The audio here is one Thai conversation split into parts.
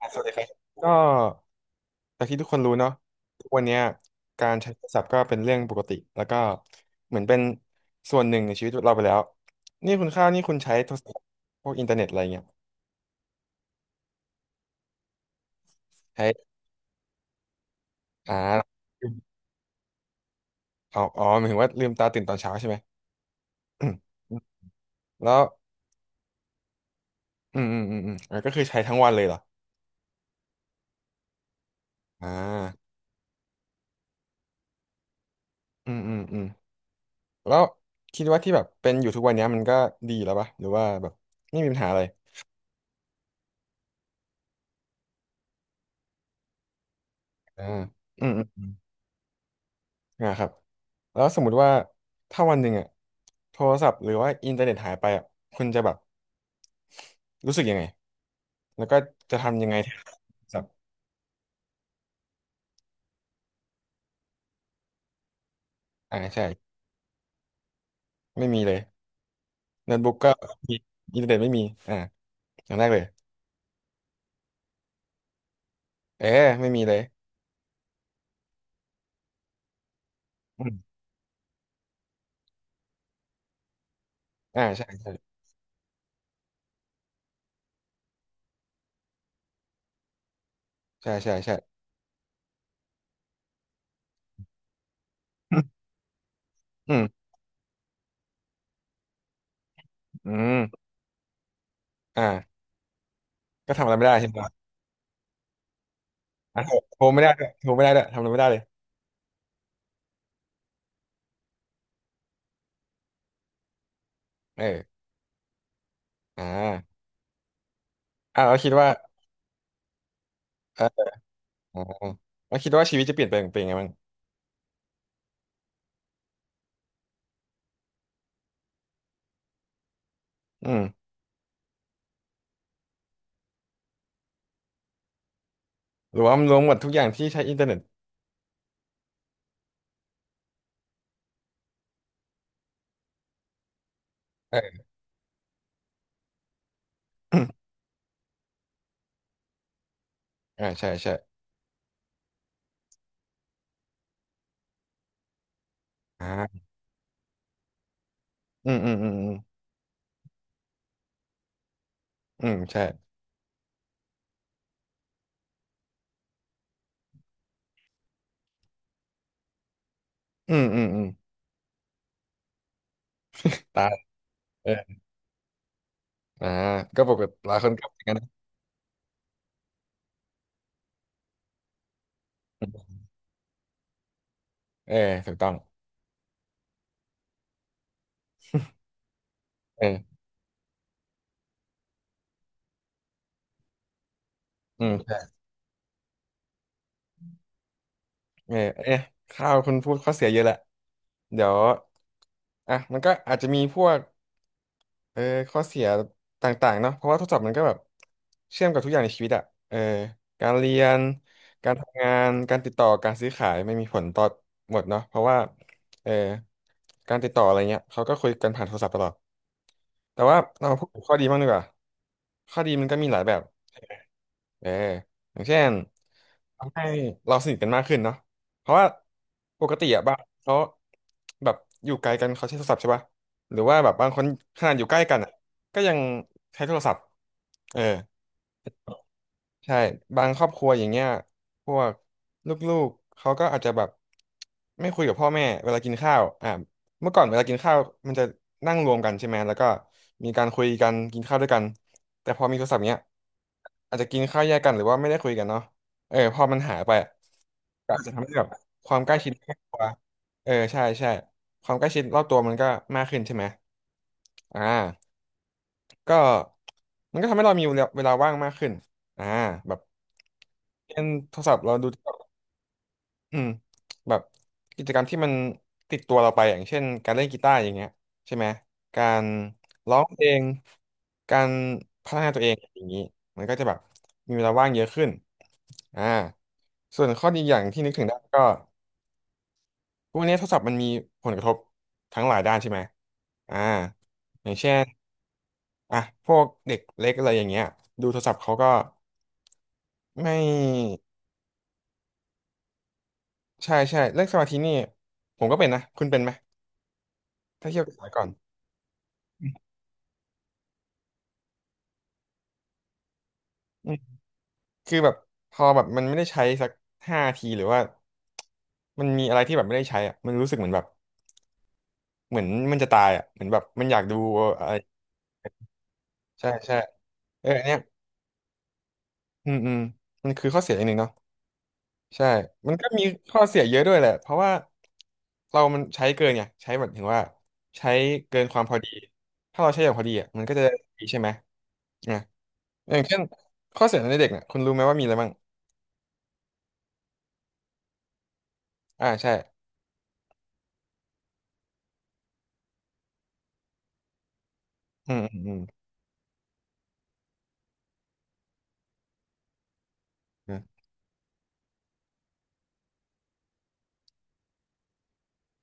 อ่ะสวัสดีครับก็จากที่ทุกคนรู้เนาะทุกวันเนี้ยการใช้โทรศัพท์ก็เป็นเรื่องปกติแล้วก็เหมือนเป็นส่วนหนึ่งในชีวิตเราไปแล้วนี่คุณข้าวนี่คุณใช้โทรศัพท์พวกอินเทอร์เน็ตอะไรเงี้ยใช้อ่าอ๋ออ๋อหมายถึงว่าลืมตาตื่นตอนเช้าใช่ไหม อืมแล้วอืมอืมอืมอืมอ่ะก็คือใช้ทั้งวันเลยเหรออ่าอืมอืมอืมแล้วคิดว่าที่แบบเป็นอยู่ทุกวันเนี้ยมันก็ดีแล้วปะหรือว่าแบบไม่มีปัญหาอะไรอ่าอืมอืม นะครับแล้วสมมุติว่าถ้าวันหนึ่งอะโทรศัพท์หรือว่าอินเทอร์เน็ตหายไปอะคุณจะแบบรู้สึกยังไงแล้วก็จะทำยังไงที่โทรศัพท์อ่าใช่ไม่มีเลยโน้ตบุ๊กก็มีอินเทอร์เน็ตไม่มีอ่าอย่างแรกเลยเออไม่มีเลยอืมอ่าใช่ใช่ใช่ใช่ใช่อืมอืมอ่าก็ทำอะไรไม่ได้ใช่ไหมล่ะอ่ะโทรโทรไม่ได้ด้วยโทรไม่ได้ด้วยทำอะไรไม่ได้เลยเอออ่าเราคิดว่าเอออ่าเราคิดว่าชีวิตจะเปลี่ยนไปเป็นยังไงบ้างอืม หรือว่ามันรวมหมดทุกอย่างที่ใช้อินเทอร์เน็ตเออ ใช่ใช่อ่าอืม อืม อืม อืม อืมใช่อืม อืม อืม ตายเอออ่าก็ปกติหลายคนก็เป็นอย่างนั้นนะเออถูกต้องเออใช่เออเอะข้าวคุณพูดข้อเสียเยอะแหละเดี๋ยว อ่ะมันก็อาจจะมีพวก เออข้อเสียต่างๆเนาะเพราะว่าโทรศัพท์มันก็แบบเชื่อมกับทุกอย่างในชีวิตอะเออการเรียน การทำงานการติดต่อการซื้อขายไม่มีผลต่อหมดเนาะเพราะว่าเออการติดต่ออะไรเงี้ยเขาก็คุยกันผ่านโทรศัพท์ตลอดแต่ว่าเรามาพูดถึงข้อดีบ้างดีกว่าข้อดีมันก็มีหลายแบบ เอออย่างเช่นทำให้เราสนิทกันมากขึ้นเนาะเพราะว่าปกติอะบ้านเขาแบบอยู่ไกลกันเขาใช้โทรศัพท์ใช่ป่ะหรือว่าแบบบางคนขนาดอยู่ใกล้กันอะก็ยังใช้โทรศัพท์เออ ใช่บางครอบครัวอย่างเงี้ยพวกลูกๆเขาก็อาจจะแบบไม่คุยกับพ่อแม่เวลากินข้าวเมื่อก่อนเวลากินข้าวมันจะนั่งรวมกันใช่ไหมแล้วก็มีการคุยกันกินข้าวด้วยกันแต่พอมีโทรศัพท์เนี้ยอาจจะกินข้าวแยกกันหรือว่าไม่ได้คุยกันเนาะเออพอมันหายไปอะก็อาจจะทำให้แบบความใกล้ชิดครอบครัวเออใช่ใช่ความใกล้ชิดรอบตัวมันก็มากขึ้นใช่ไหมอ่า ก็มันก็ทำให้เรามีเวลาเวลาว่างมากขึ้นอ่าแบบเล่นโทรศัพท์เราดูอืมแบบกิจกรรมที่มันติดตัวเราไปอย่างเช่นการเล่นกีตาร์อย่างเงี้ยใช่ไหมการร้องเพลงการพัฒนาตัวเองอย่างนี้มันก็จะแบบมีเวลาว่างเยอะขึ้นอ่าส่วนข้อดีอย่างที่นึกถึงได้ก็พวกนี้โทรศัพท์มันมีผลกระทบทั้งหลายด้านใช่ไหมอ่าอย่างเช่น อ่ะพวกเด็กเล็กอะไรอย่างเงี้ยดูโทรศัพท์เขาก็ไม่ใช่ใช่เรื่องสมาธินี่ผมก็เป็นนะคุณเป็นไหมถ้าเทียบกับสมัยก่อนอืมคือแบบพอแบบมันไม่ได้ใช้สักห้าทีหรือว่ามันมีอะไรที่แบบไม่ได้ใช้อ่ะมันรู้สึกเหมือนแบบเหมือนมันจะตายอ่ะเหมือนแบบมันอยากดูอะไรใช่ใช่เอออันเนี้ยอืมอืมมันคือข้อเสียอย่างหนึ่งเนาะ ใช่มันก็มีข้อเสียเยอะด้วยแหละเพราะว่าเรามันใช้เกินไงใช้แมบถึงว่าใช้เกินความพอดีถ้าเราใช้อย่างพอดีอ่ะมันก็จะดีใช่ไหมอ่ะอย่างเช่นข้อเสียในเด็กเนี่ยคุณรู้ไหมว่ามีอะไรบ้าง อ่า ใช่อืมอืมอืม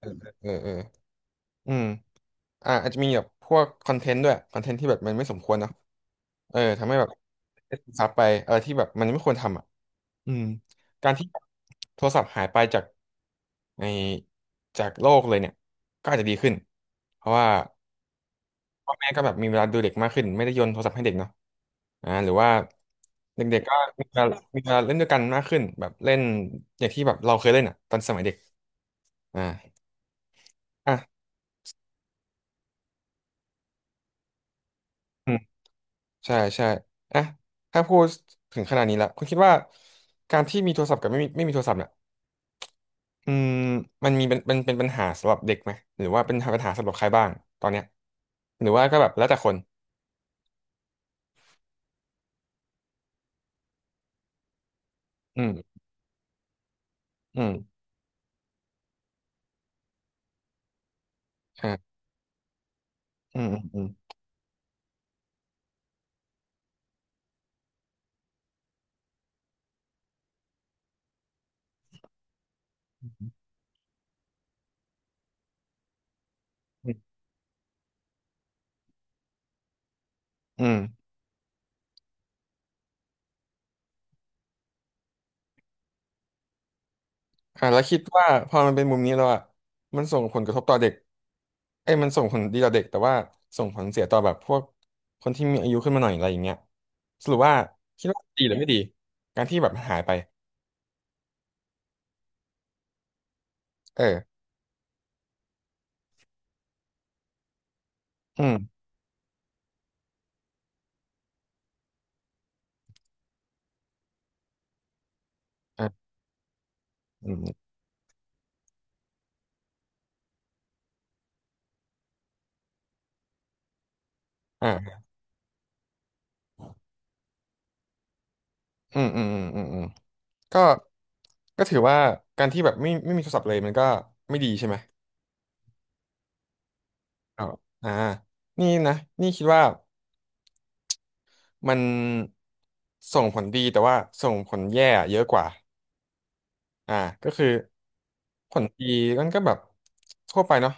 อืมเออเออเอออืมอาจจะมีแบบพวกคอนเทนต์ด้วยคอนเทนต์ที่แบบมันไม่สมควรเนาะเออทำให้แบบซับไปอะไรที่แบบมันไม่ควรทำอ่ะ อืมการที่โทรศัพท์หายไปจากในจากโลกเลยเนี่ยก็อาจจะดีขึ้นเพราะว่าพ่อแม่ก็แบบมีเวลาดูเด็กมากขึ้นไม่ได้โยนโทรศัพท์ให้เด็กเนาะอ่าหรือว่าเด็กๆก็มีเวลามีเวลาเล่นด้วยกันมากขึ้นแบบเล่นอย่างที่แบบเราเคยเล่นอ่ะตอนสมัยเด็กอ่าอ่ะอืมใช่ใช่อ่ะถ้าถึงขนาดนี้แล้วคุณคิดว่าการที่มีโทรศัพท์กับไม่มีโทรศัพท์เนี่ย อืมมันมีเป็นปัญหาสำหรับเด็กไหมหรือว่าเป็นปัญหาสำหรับใครบ้างตอนเนี้ยหรือว่าก็แบบแล้วแต่คนอืมอืมอ่าอืมอืมอืมอืมอ่าแล้วคิดว่าพอมันเป็นมุมนี้แล้วอ่ะมันส่งผลกระทบต่อเด็กเอ้ยมันส่งผลดีต่อเด็กแต่ว่าส่งผลเสียต่อแบบพวกคนที่มีอายุขึ้นมาหน่อยอะไรอย่างเงี้ยสรุปว่าคิดว่าดีหรือไม่ดีการที่แบบหายไปเอออืมอ่าอืมอ่าอืมอืมอืมอืม ก็ก็ถือว่าการที่แบบไม่มีโทรศัพท์เลยมันก็ไม่ดีใช่ไหมอ๋ออ่านี่นะนี่คิดว่ามันส่งผลดีแต่ว่าส่งผลแย่เยอะกว่าอ่าก็คือผลดีมันก็แบบทั่วไปเนาะ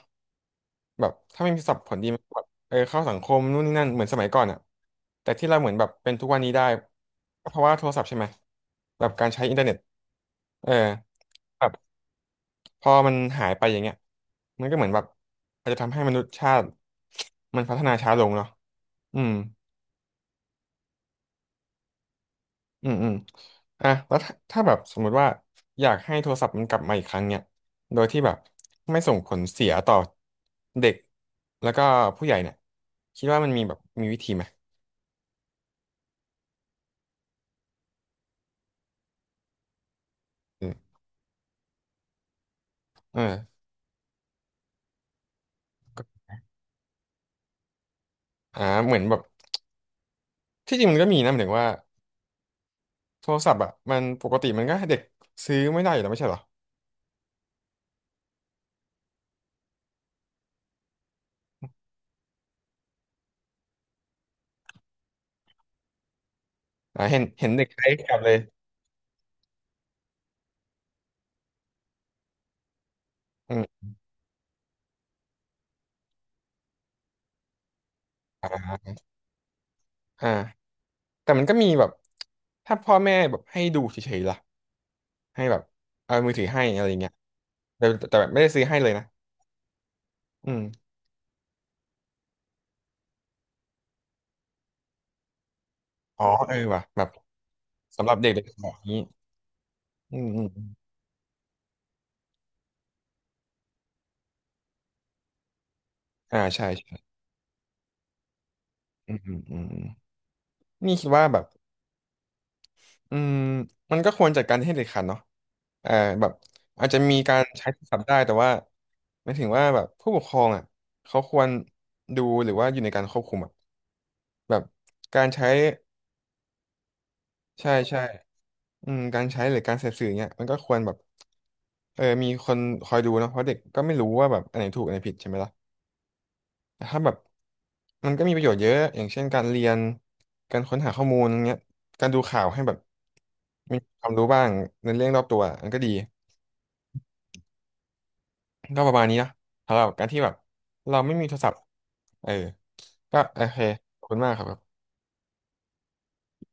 แบบถ้าไม่มีโทรศัพท์ผลดีมันก็แบบเออเข้าสังคมนู่นนี่นั่นเหมือนสมัยก่อนอะแต่ที่เราเหมือนแบบเป็นทุกวันนี้ได้ก็เพราะว่าโทรศัพท์ใช่ไหมแบบการใช้อินเทอร์เน็ตเออแบบ พอมันหายไปอย่างเงี้ยมันก็เหมือนแบบอาจจะทำให้มนุษยชาติมันพัฒนาช้าลงเนาะอืมอืมอืมอ่ะแล้วถ้าถ้าแบบสมมุติว่าอยากให้โทรศัพท์มันกลับมาอีกครั้งเนี่ยโดยที่แบบไม่ส่งผลเสียต่อเด็กแล้วก็ผู้ใหญ่เนี่ยคิดว่ามันมีแบบมีวิธีไหมอืมเอออ่าเหมือนแบบที่จริงมันก็มีนะหมายถึงว่าโทรศัพท์อ่ะมันปกติมันก็ให้เด็กซื้อไม่ได้อยู่แล้วไม่ใช่เหรออ่าเห็นเด็กใช้กลับเลยอืมอ่า แต่มันก็มีแบบถ้าพ่อแม่แบบให้ดูเฉยๆล่ะให้แบบเอามือถือให้อะไรอย่างเงี้ยแบบไม่ได้ซื้อให้เลยนะอืมอ๋อเออว่ะแบบสำหรับเด็กเด็กแบอกนี้อืมอืมอมอ่าใช่ใช่อืมอืมอืมอืมนี่คิดว่าแบบอืมมันก็ควรจัดการให้เด็ดขาดเนาะเอ่อแบบอาจจะมีการใช้โทรศัพท์ได้แต่ว่าหมายถึงว่าแบบผู้ปกครองอ่ะเขาควรดูหรือว่าอยู่ในการควบคุมอ่ะแบบการใช้ใช่ใช่ อืมการใช้หรือการเสพสื่อเนี่ยมันก็ควรแบบเออมีคนคอยดูเนอะเพราะเด็กก็ไม่รู้ว่าแบบอันไหนถูกอันไหนผิดใช่ไหมล่ะแต่ถ้าแบบมันก็มีประโยชน์เยอะอย่างเช่นการเรียนการค้นหาข้อมูลเงี้ยการดูข่าวให้แบบมีความรู้บ้างในเรื่องรอบตัวมันก็ดีก็ประมาณนี้นะสำหรับการที่แบบเราไม่มีโทรศัพท์เออก็โอเคขอบคุณมากครับ